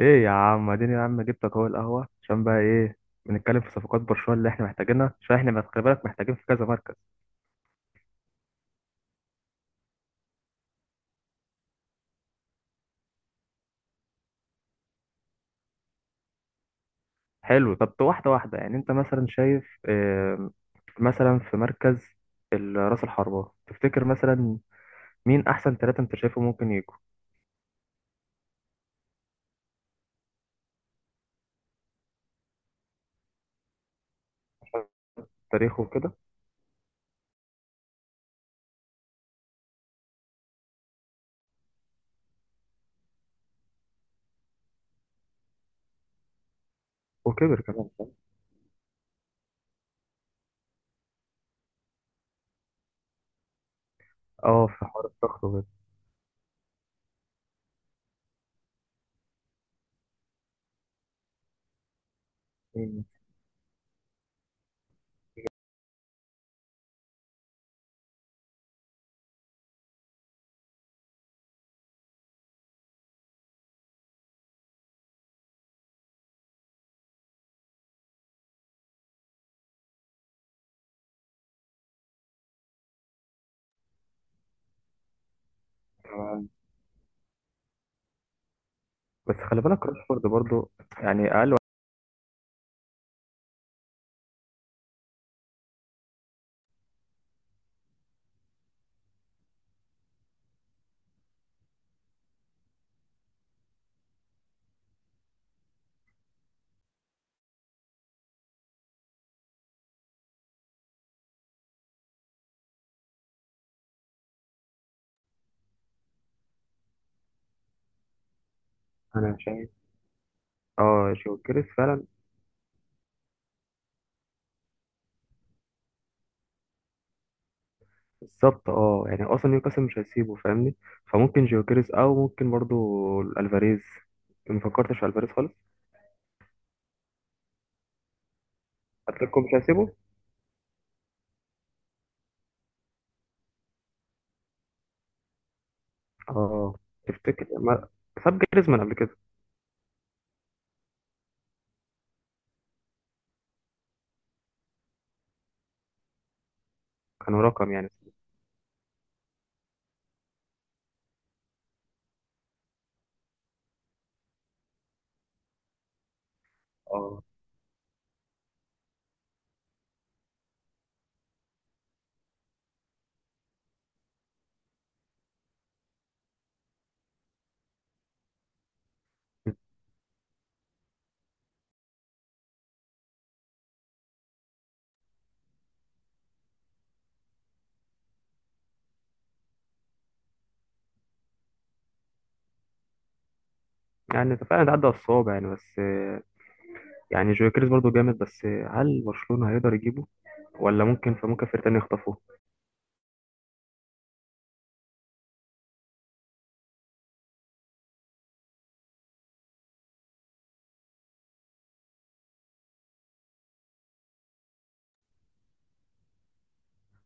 ايه يا عم اديني يا عم، جبتك اهو القهوه عشان بقى ايه. بنتكلم في صفقات برشلونه اللي احنا محتاجينها عشان احنا خلي بالك محتاجين في كذا مركز. حلو، طب واحده واحده. يعني انت مثلا شايف، مثلا في مركز راس الحربه، تفتكر مثلا مين احسن ثلاثه انت شايفه ممكن يجوا؟ عشان تاريخه وكده وكبر كمان، فاهم؟ اه في حوار الضغط وكده. مم. تمام. بس خلي بالك راشفورد برضو يعني اقل واحد. انا شايف اه جيوكيريس فعلا بالظبط. اه يعني اصلا نيوكاسل مش هيسيبه فاهمني، فممكن جيوكيريز او ممكن برضو الفاريز. ما فكرتش في الفاريز خالص. اتلتيكو مش هيسيبه. اه تفتكر ما ساب جريزمان قبل كده؟ كانوا رقم يعني. اه يعني ده فعلا عدى على الصوابع يعني، بس يعني جيوكيريز برضو جامد، بس هل برشلونة هيقدر يجيبه ولا ممكن فممكن فريق تاني يخطفوه؟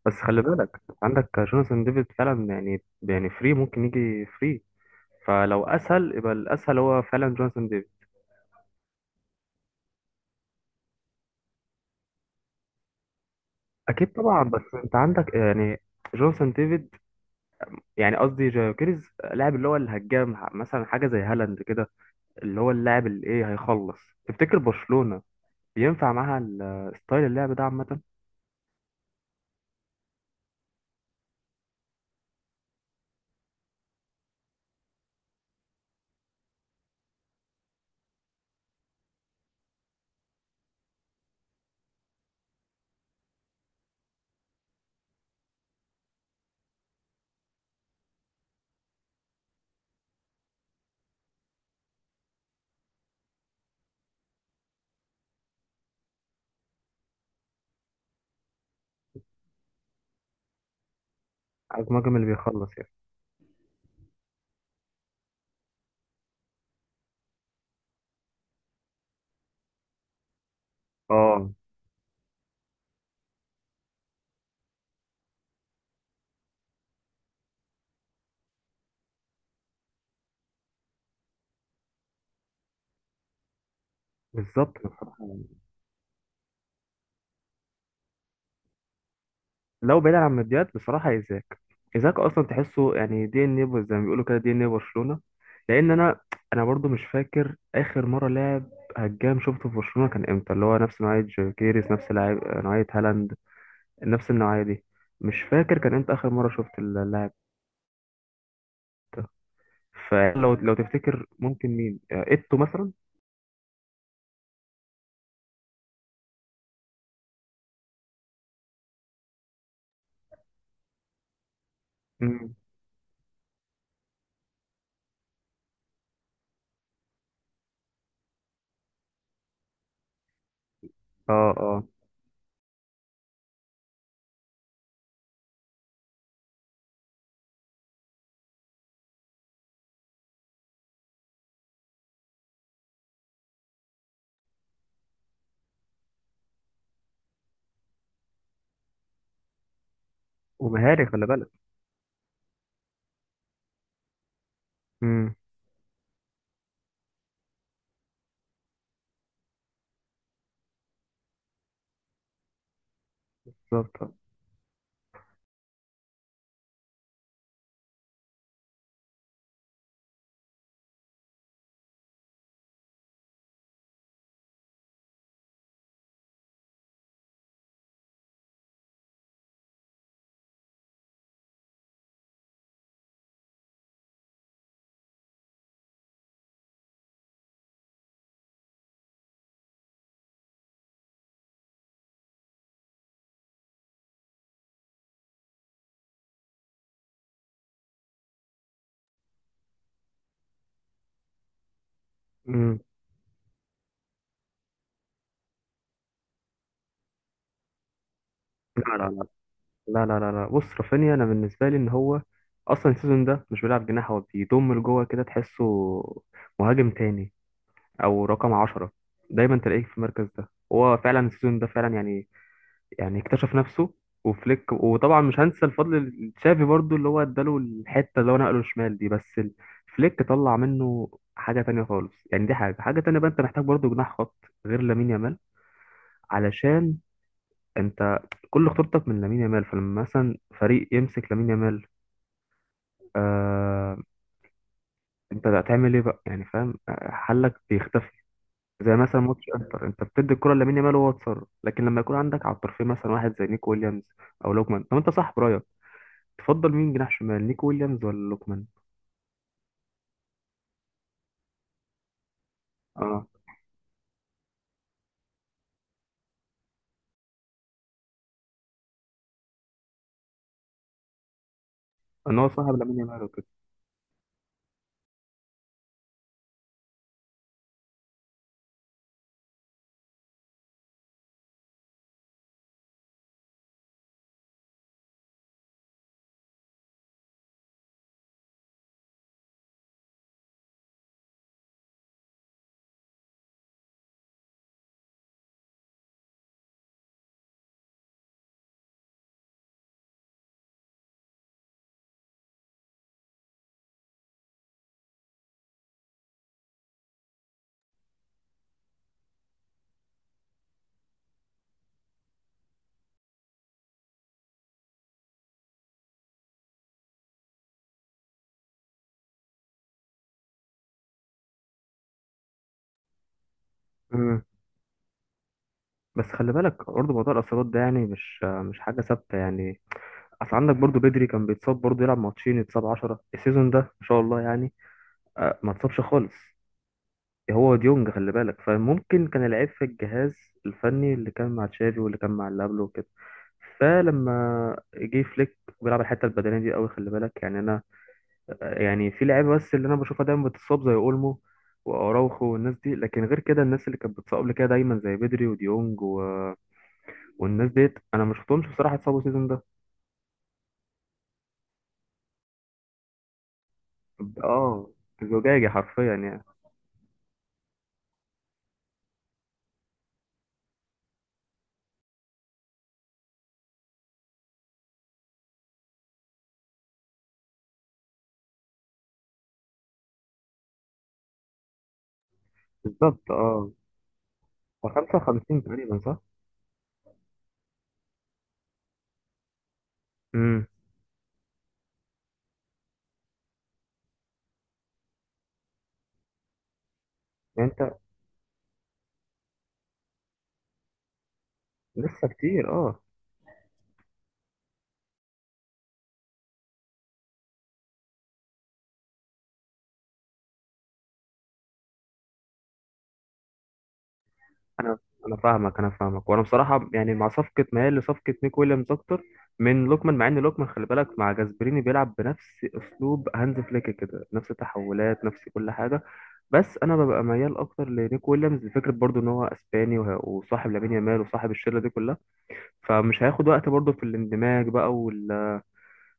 بس خلي بالك عندك جوناثان ديفيد فعلا، يعني فري، ممكن يجي فري. فلو اسهل يبقى الاسهل هو فعلا جوناثان ديفيد. اكيد طبعا، بس انت عندك يعني جونسون ديفيد، يعني قصدي جاكيرز، لاعب اللي هو الهجام مثلا حاجه زي هالاند كده، اللي هو اللاعب اللي ايه هيخلص. تفتكر برشلونه ينفع معاها ستايل اللعب ده عامه؟ عايز مهاجم اللي بيخلص يعني. اه بالظبط بصراحه. لو بعيد عن مديات، بصراحة إيزاك. إيزاك أصلا تحسه يعني دي إن إيه، زي ما بيقولوا كده، دي إن إيه برشلونة. لأن أنا، أنا برضو مش فاكر آخر مرة لاعب هجام شفته في برشلونة كان إمتى، اللي هو نفس نوعية جوكيريس، نفس لاعب نوعية هالاند، نفس النوعية دي. مش فاكر كان إمتى آخر مرة شفت اللاعب ده. فلو لو تفتكر ممكن مين، إيتو مثلا. مم. آه آه. ومهاري خلي بالك. مم. بالظبط. مم. لا لا، لا لا بص، رافينيا انا بالنسبه لي ان هو اصلا السيزون ده مش بيلعب جناح، هو بيضم لجوه كده، تحسه مهاجم تاني او رقم عشرة. دايما تلاقيه في المركز ده. هو فعلا السيزون ده فعلا يعني يعني اكتشف نفسه، وفليك. وطبعا مش هنسى الفضل لتشافي برضو اللي هو اداله الحته اللي هو نقله شمال دي، بس فليك طلع منه حاجه تانية خالص يعني. دي حاجه تانية بقى. انت محتاج برضو جناح خط غير لامين يامال، علشان انت كل خطورتك من لامين يامال. فلما مثلا فريق يمسك لامين يامال، آه، انت هتعمل ايه بقى يعني فاهم؟ حلك بيختفي. زي مثلا ماتش انتر، انت بتدي الكرة لامين يامال وهو اتصرف. لكن لما يكون عندك على الطرفين مثلا واحد زي نيكو ويليامز او لوكمان. طب انت صاحب رايك، تفضل مين جناح شمال، نيكو ويليامز ولا لوكمان؟ اه ان هو صاحب لامين يامال وكده. مم. بس خلي بالك برضه موضوع الاصابات ده يعني مش حاجه ثابته يعني. اصل عندك برضه بدري، كان بيتصاب برضه، يلعب ماتشين يتصاب، 10 السيزون ده ما شاء الله يعني ما اتصابش خالص. هو ديونج خلي بالك. فممكن كان العيب في الجهاز الفني اللي كان مع تشافي واللي كان مع اللي قبله وكده. فلما جه فليك، بيلعب الحته البدنيه دي قوي خلي بالك. يعني انا يعني في لعيبه بس اللي انا بشوفها دايما بتتصاب زي اولمو واراوخو والناس دي، لكن غير كده الناس اللي كانت بتتصاب قبل كده دايما زي بدري وديونج والناس ديت، انا ما شفتهمش بصراحه اتصابوا السيزون ده. اه زجاجي حرفيا يعني. بالظبط اه. هو 55 تقريبا، صح؟ امم. يعني انت لسه كتير اه. انا انا فاهمك، انا فاهمك. وانا بصراحه يعني مع صفقه ميال لصفقه نيك ويليامز اكتر من لوكمان، مع ان لوكمان خلي بالك مع جاسبريني بيلعب بنفس اسلوب هانز فليك كده، نفس التحولات نفس كل حاجه. بس انا ببقى ميال اكتر لنيك ويليامز، لفكره برضو ان هو اسباني وصاحب لامين يامال وصاحب الشله دي كلها، فمش هياخد وقت برضو في الاندماج بقى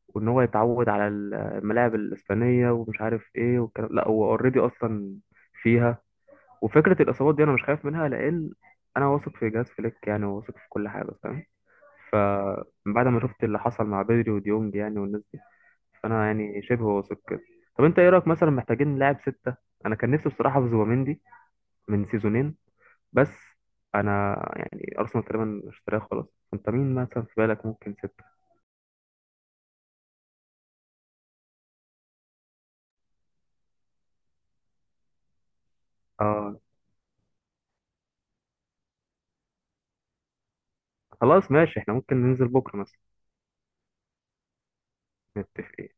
وان هو يتعود على الملاعب الاسبانيه ومش عارف ايه والكلام، لا هو اوريدي اصلا فيها. وفكرة الإصابات دي أنا مش خايف منها، لأن أنا واثق في جهاز فليك يعني، وواثق في كل حاجة فاهم. فبعد ما شفت اللي حصل مع بدري وديونج يعني والناس دي، فأنا يعني شبه واثق كده. طب أنت إيه رأيك مثلا، محتاجين لاعب ستة؟ أنا كان نفسي بصراحة في زوبيمندي من سيزونين، بس أنا يعني أرسنال تقريبا اشتراه خلاص. أنت مين مثلا في بالك ممكن ستة؟ آه خلاص ماشي، إحنا ممكن ننزل بكرة مثلا نتفق.